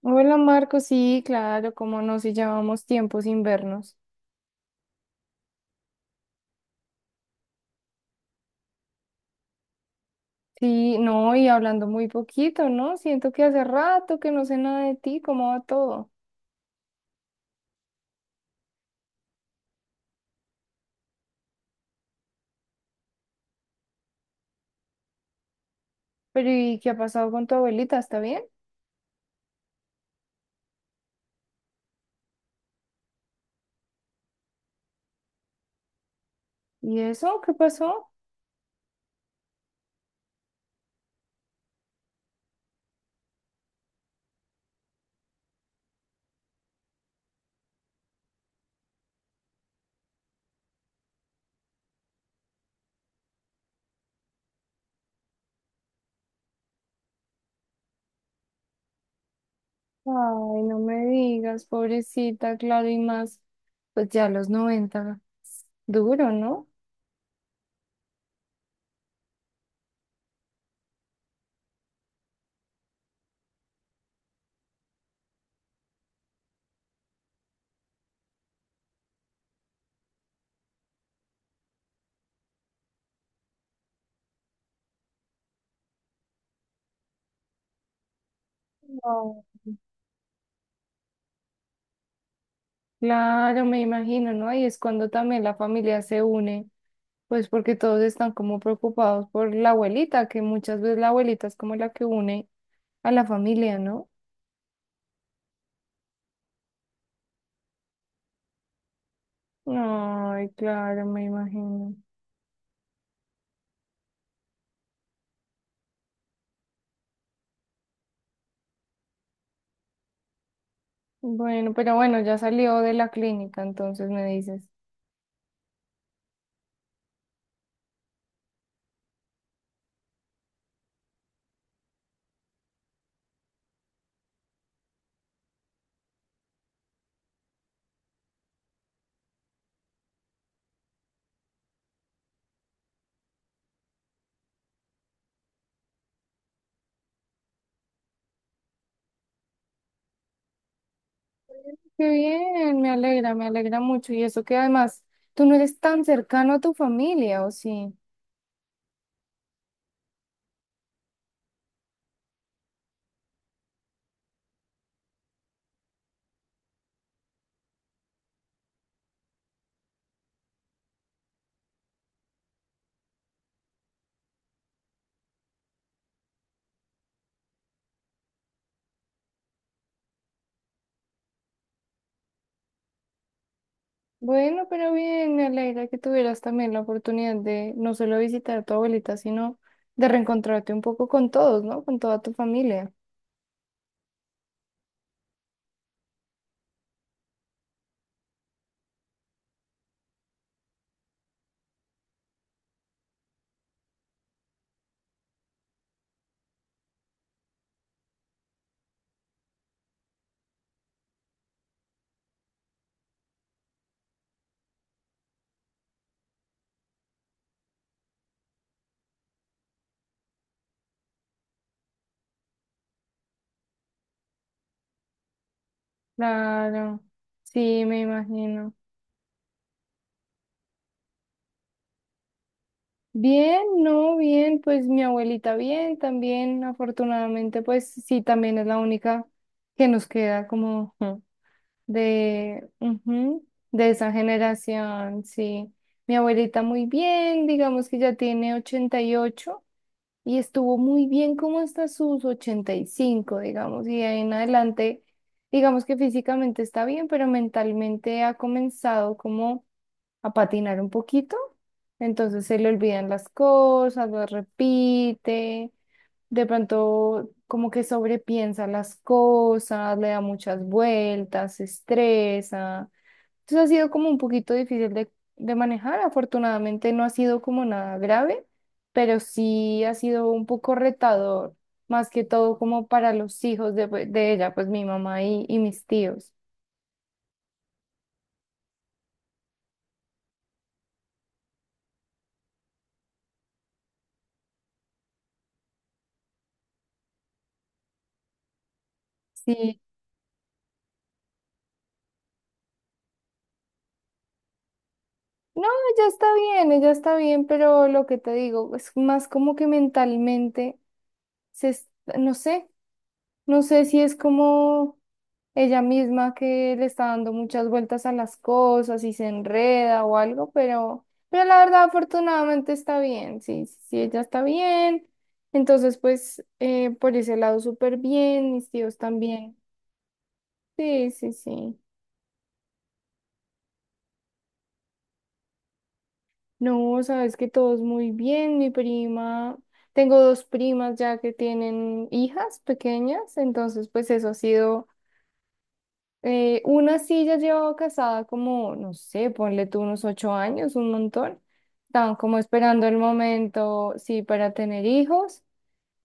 Hola Marco, sí, claro, cómo no, si llevamos tiempo sin vernos. Sí, no, y hablando muy poquito, ¿no? Siento que hace rato que no sé nada de ti, ¿cómo va todo? Pero ¿y qué ha pasado con tu abuelita? ¿Está bien? ¿Y eso? ¿Qué pasó? Ay, no me digas, pobrecita, claro, y más, pues ya a los 90 duro, ¿no? No. Claro, me imagino, ¿no? Y es cuando también la familia se une. Pues porque todos están como preocupados por la abuelita, que muchas veces la abuelita es como la que une a la familia, ¿no? Ay, claro, me imagino. Bueno, pero bueno, ya salió de la clínica, entonces me dices. Qué bien, me alegra mucho. Y eso que además tú no eres tan cercano a tu familia, ¿o sí? Bueno, pero bien, me alegra que tuvieras también la oportunidad de no solo visitar a tu abuelita, sino de reencontrarte un poco con todos, ¿no? Con toda tu familia. Claro, sí, me imagino. Bien, no, bien, pues mi abuelita bien, también afortunadamente, pues sí, también es la única que nos queda como ujú, de esa generación, sí. Mi abuelita muy bien, digamos que ya tiene 88 y estuvo muy bien como hasta sus 85, digamos, y de ahí en adelante, digamos que físicamente está bien, pero mentalmente ha comenzado como a patinar un poquito, entonces se le olvidan las cosas, las repite, de pronto como que sobrepiensa las cosas, le da muchas vueltas, se estresa. Entonces ha sido como un poquito difícil de manejar, afortunadamente no ha sido como nada grave, pero sí ha sido un poco retador, más que todo como para los hijos de ella, pues mi mamá y mis tíos. Sí. No, ella está bien, pero lo que te digo es más como que mentalmente, se, es- no sé, no sé si es como ella misma que le está dando muchas vueltas a las cosas y se enreda o algo, pero la verdad afortunadamente está bien, sí, sí, ella está bien, entonces pues por ese lado súper bien, mis tíos también, sí, sí, sí. No, sabes que todos muy bien. Mi prima, tengo dos primas ya que tienen hijas pequeñas, entonces pues eso ha sido, una sí ya llevaba casada como, no sé, ponle tú unos 8 años, un montón. Estaban como esperando el momento, sí, para tener hijos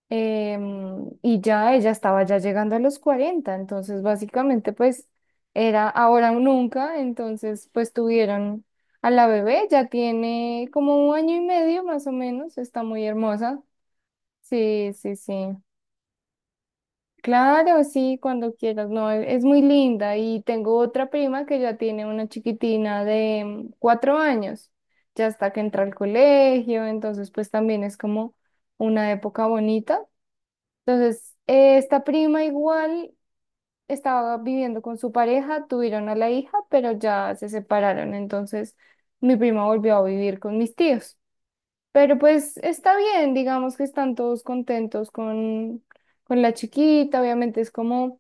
y ya ella estaba ya llegando a los 40 entonces básicamente pues era ahora o nunca, entonces pues tuvieron a la bebé, ya tiene como un año y medio más o menos, está muy hermosa. Sí, sí, sí. Claro, sí, cuando quieras, no, es muy linda y tengo otra prima que ya tiene una chiquitina de 4 años, ya hasta que entra al colegio, entonces pues también es como una época bonita entonces, esta prima igual estaba viviendo con su pareja, tuvieron a la hija, pero ya se separaron. Entonces, mi prima volvió a vivir con mis tíos. Pero pues está bien, digamos que están todos contentos con, la chiquita. Obviamente es como,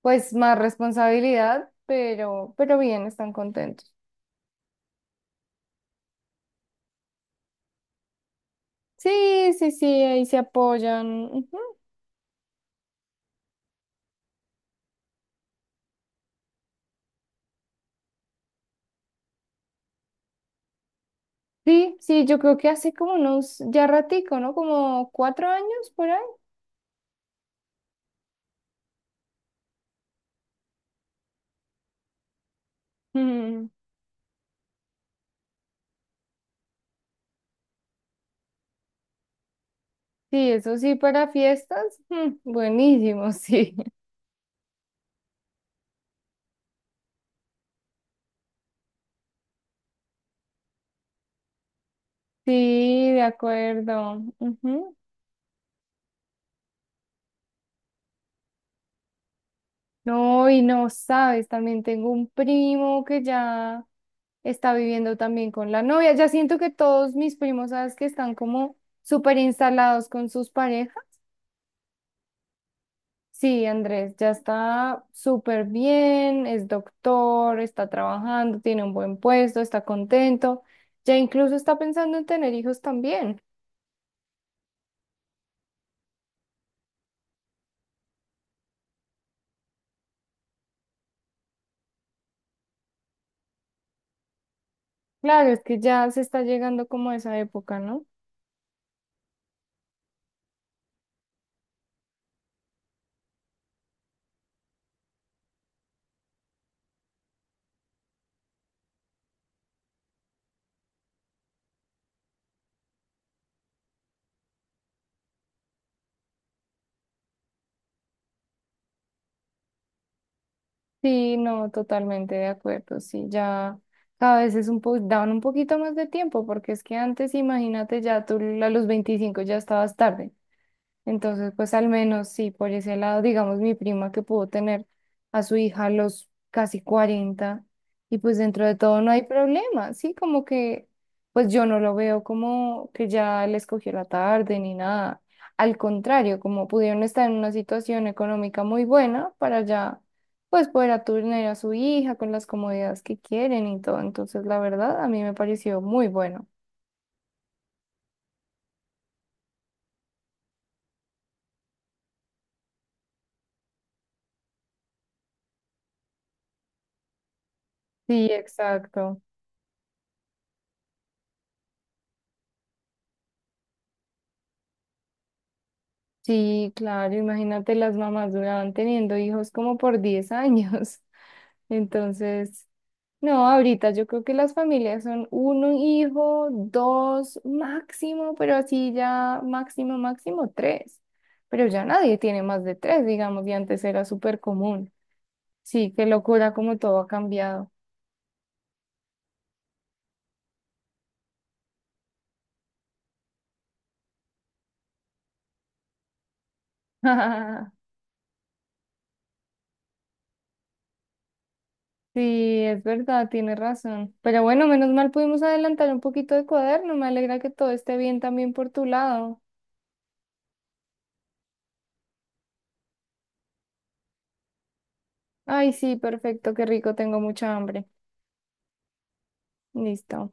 pues, más responsabilidad, pero bien, están contentos. Sí, sí, sí, ahí se apoyan. Ujú. Sí, sí, yo creo que hace como unos ya ratico, ¿no? Como 4 años por ahí. Sí, eso sí, para fiestas, buenísimo, sí. Sí, de acuerdo. Ujú. No, y no sabes, también tengo un primo que ya está viviendo también con la novia. Ya siento que todos mis primos, sabes que están como súper instalados con sus parejas. Sí, Andrés, ya está súper bien, es doctor, está trabajando, tiene un buen puesto, está contento. Ya incluso está pensando en tener hijos también. Claro, es que ya se está llegando como a esa época, ¿no? Sí, no, totalmente de acuerdo. Sí, ya cada vez es un po daban un poquito más de tiempo, porque es que antes, imagínate, ya tú a los 25 ya estabas tarde. Entonces, pues al menos sí, por ese lado, digamos, mi prima que pudo tener a su hija a los casi 40 y pues dentro de todo no hay problema, sí, como que pues yo no lo veo como que ya les cogió la tarde ni nada. Al contrario, como pudieron estar en una situación económica muy buena para ya pues poder atender a su hija con las comodidades que quieren y todo. Entonces, la verdad, a mí me pareció muy bueno. Sí, exacto. Sí, claro, imagínate, las mamás duraban teniendo hijos como por 10 años. Entonces, no, ahorita yo creo que las familias son uno hijo, dos máximo, pero así ya máximo, máximo tres. Pero ya nadie tiene más de tres, digamos, y antes era súper común. Sí, qué locura como todo ha cambiado. Sí, es verdad, tiene razón. Pero bueno, menos mal pudimos adelantar un poquito de cuaderno. Me alegra que todo esté bien también por tu lado. Ay, sí, perfecto, qué rico, tengo mucha hambre. Listo,